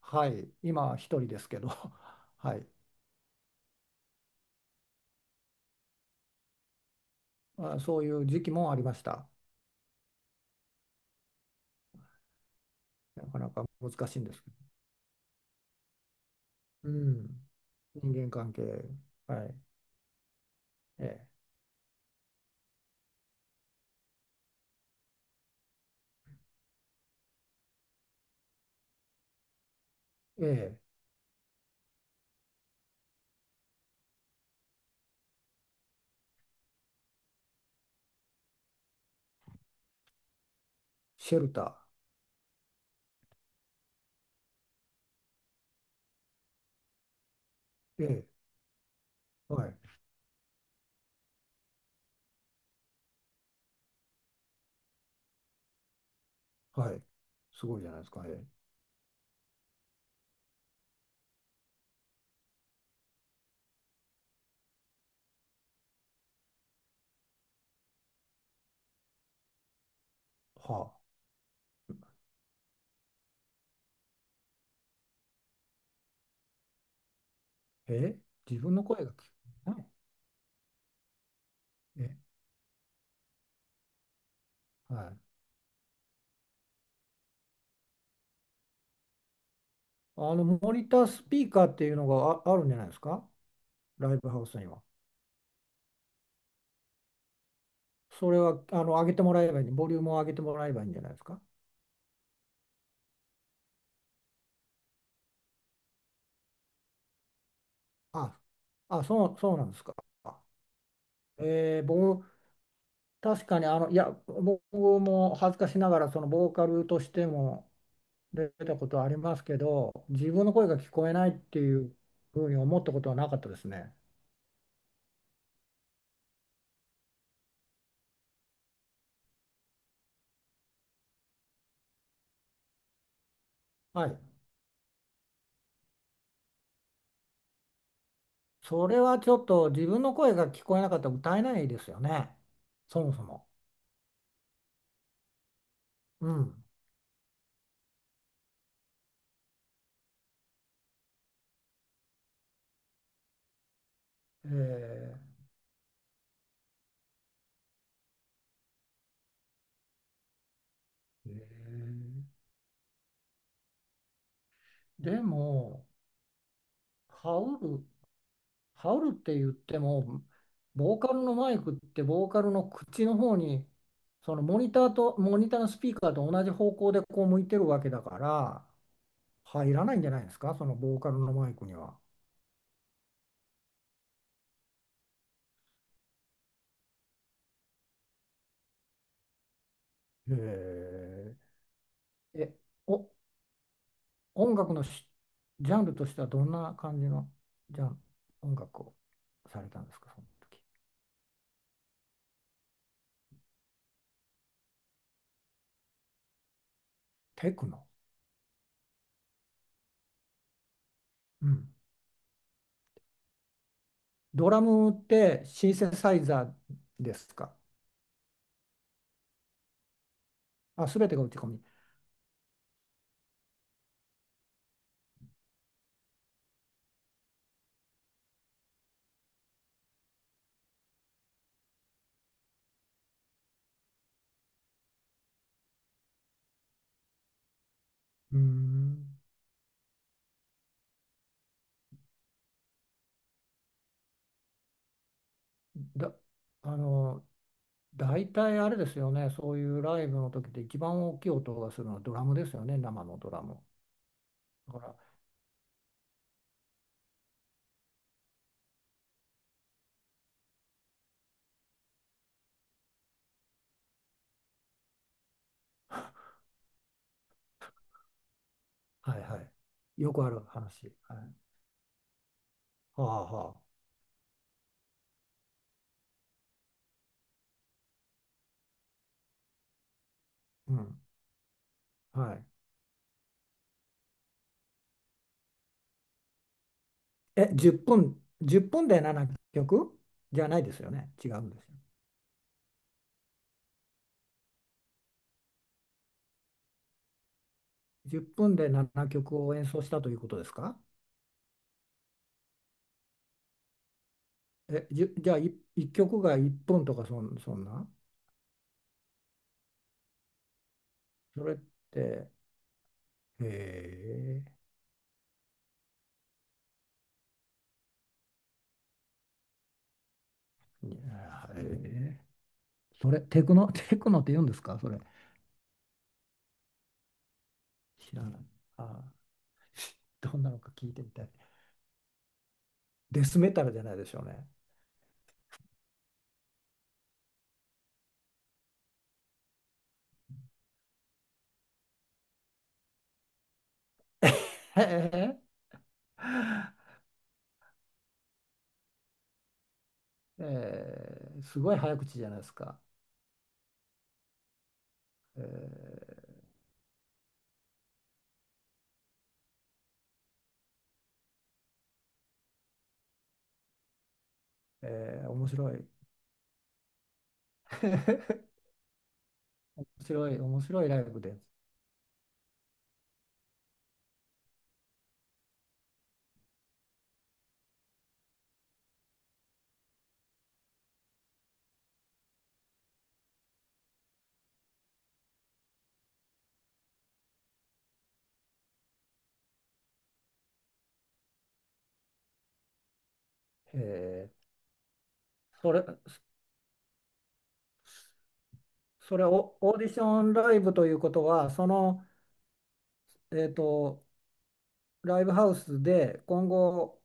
はい、今一人ですけど、はい、まあ、そういう時期もありました。なかなか難しいんですけど、うん、人間関係、はい、ええ、ええ、シェルター、ええ、はい、はい、すごいじゃないですか、ええ、はあ、ええ、自分の声が聞こえない、ええ、はい、あのモニタースピーカーっていうのがあるんじゃないですか、ライブハウスには。それはあの上げてもらえばいい、ボリュームを上げてもらえばいいんじゃないですか。あ、あ、そうなんですか。僕、確かにあの、いや、僕も恥ずかしながら、そのボーカルとしても出たことはありますけど、自分の声が聞こえないっていうふうに思ったことはなかったですね。はい。それはちょっと自分の声が聞こえなかったら歌えないですよね。そもそも。うん。えーえーでも、ハウル、ハウルって言っても、ボーカルのマイクってボーカルの口の方に、そのモニターと、モニターのスピーカーと同じ方向でこう向いてるわけだから、入らないんじゃないですか、そのボーカルのマイクには。へえ。え、お、音楽のジャンルとしてはどんな感じのジャン、音楽をされたんですか、その時。テクノ。うん。ドラムってシンセサイザーですか。あ、すべてが打ち込み。うーん。だ、あの、大体あれですよね、そういうライブの時で一番大きい音がするのはドラムですよね、生のドラム。だから、はいはい。よくある話。はい、はあはあ。うん。はい。え、10分、1分で7曲じゃないですよね。違うんですよ。10分で7曲を演奏したということですか。え、じゃあ1、一曲が1分とかそんなそれって、へえ、いやへえ。それ、テクノ、テクノって言うんですか、それ。知らない。ああ、どんなのか聞いてみたい。デスメタルじゃないでしょうね。へええ。 ーすごい早口じゃないですか。えー面白い。面白い、面白いライブです。えーそれ、それをオーディションライブということは、その、えーと、ライブハウスで今後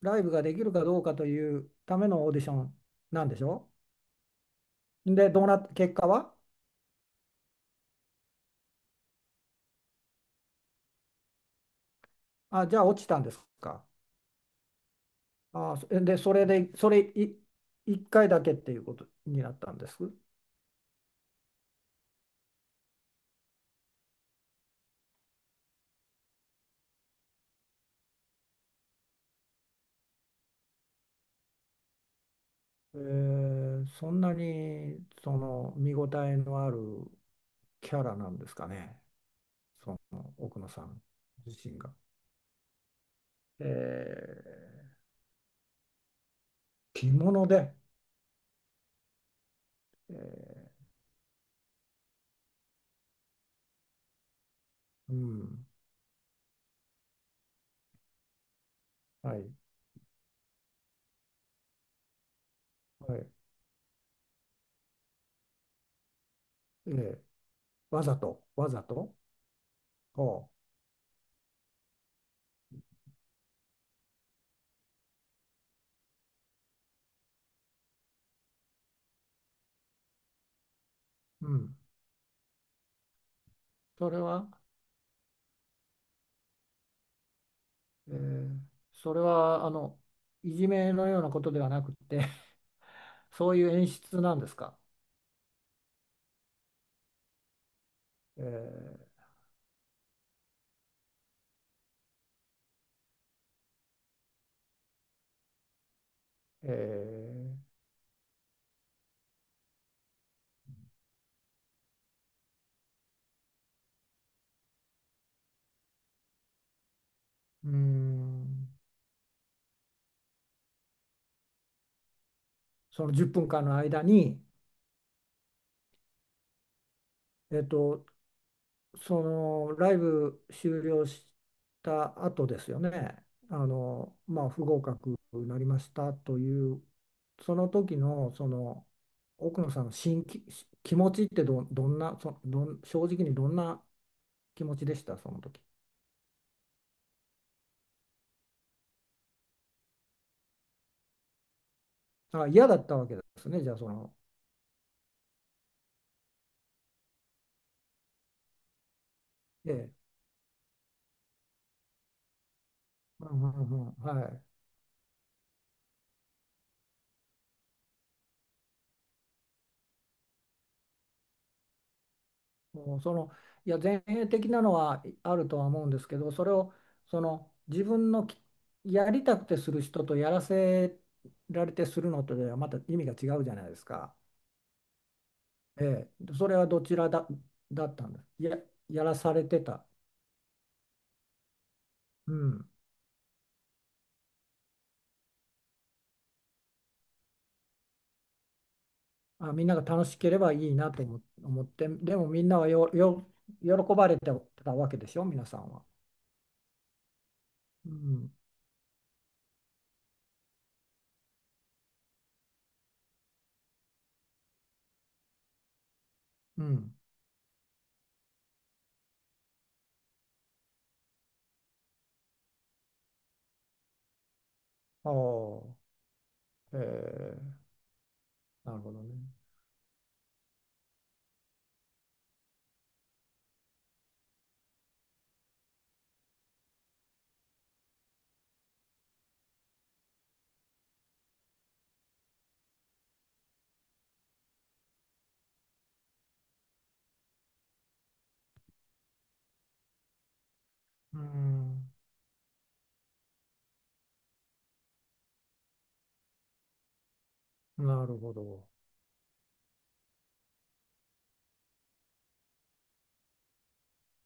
ライブができるかどうかというためのオーディションなんでしょ。で、どうなっ、結果は。あ、じゃあ落ちたんですか。あ、それで、それい1回だけっていうことになったんです。えーそんなにその見応えのあるキャラなんですかね、その奥野さん自身が。えー着物で、えうん、はい、はい、えーわざと、わざと、ほう、うん、それはえーあのいじめのようなことではなくて、 そういう演出なんですか。えーえーうーんその10分間の間に、えっと、そのライブ終了した後ですよね。あの、まあ、不合格になりましたというその時のその奥野さんの気持ちってどんなそどん正直にどんな気持ちでした、その時。あ、嫌だったわけですね、じゃあその。ええ。うんうんうん、はい。もうその、いや、前衛的なのはあるとは思うんですけど、それを、その、自分のやりたくてする人とやらせられてするのとではまた意味が違うじゃないですか。ええ。それはどちらだ、だったんです。やらされてた。うん。あ、みんなが楽しければいいなと思って、でもみんなは喜ばれてたわけでしょ、皆さんは。うん。うん。ああ。ええ、なるほどね。うん、なるほど。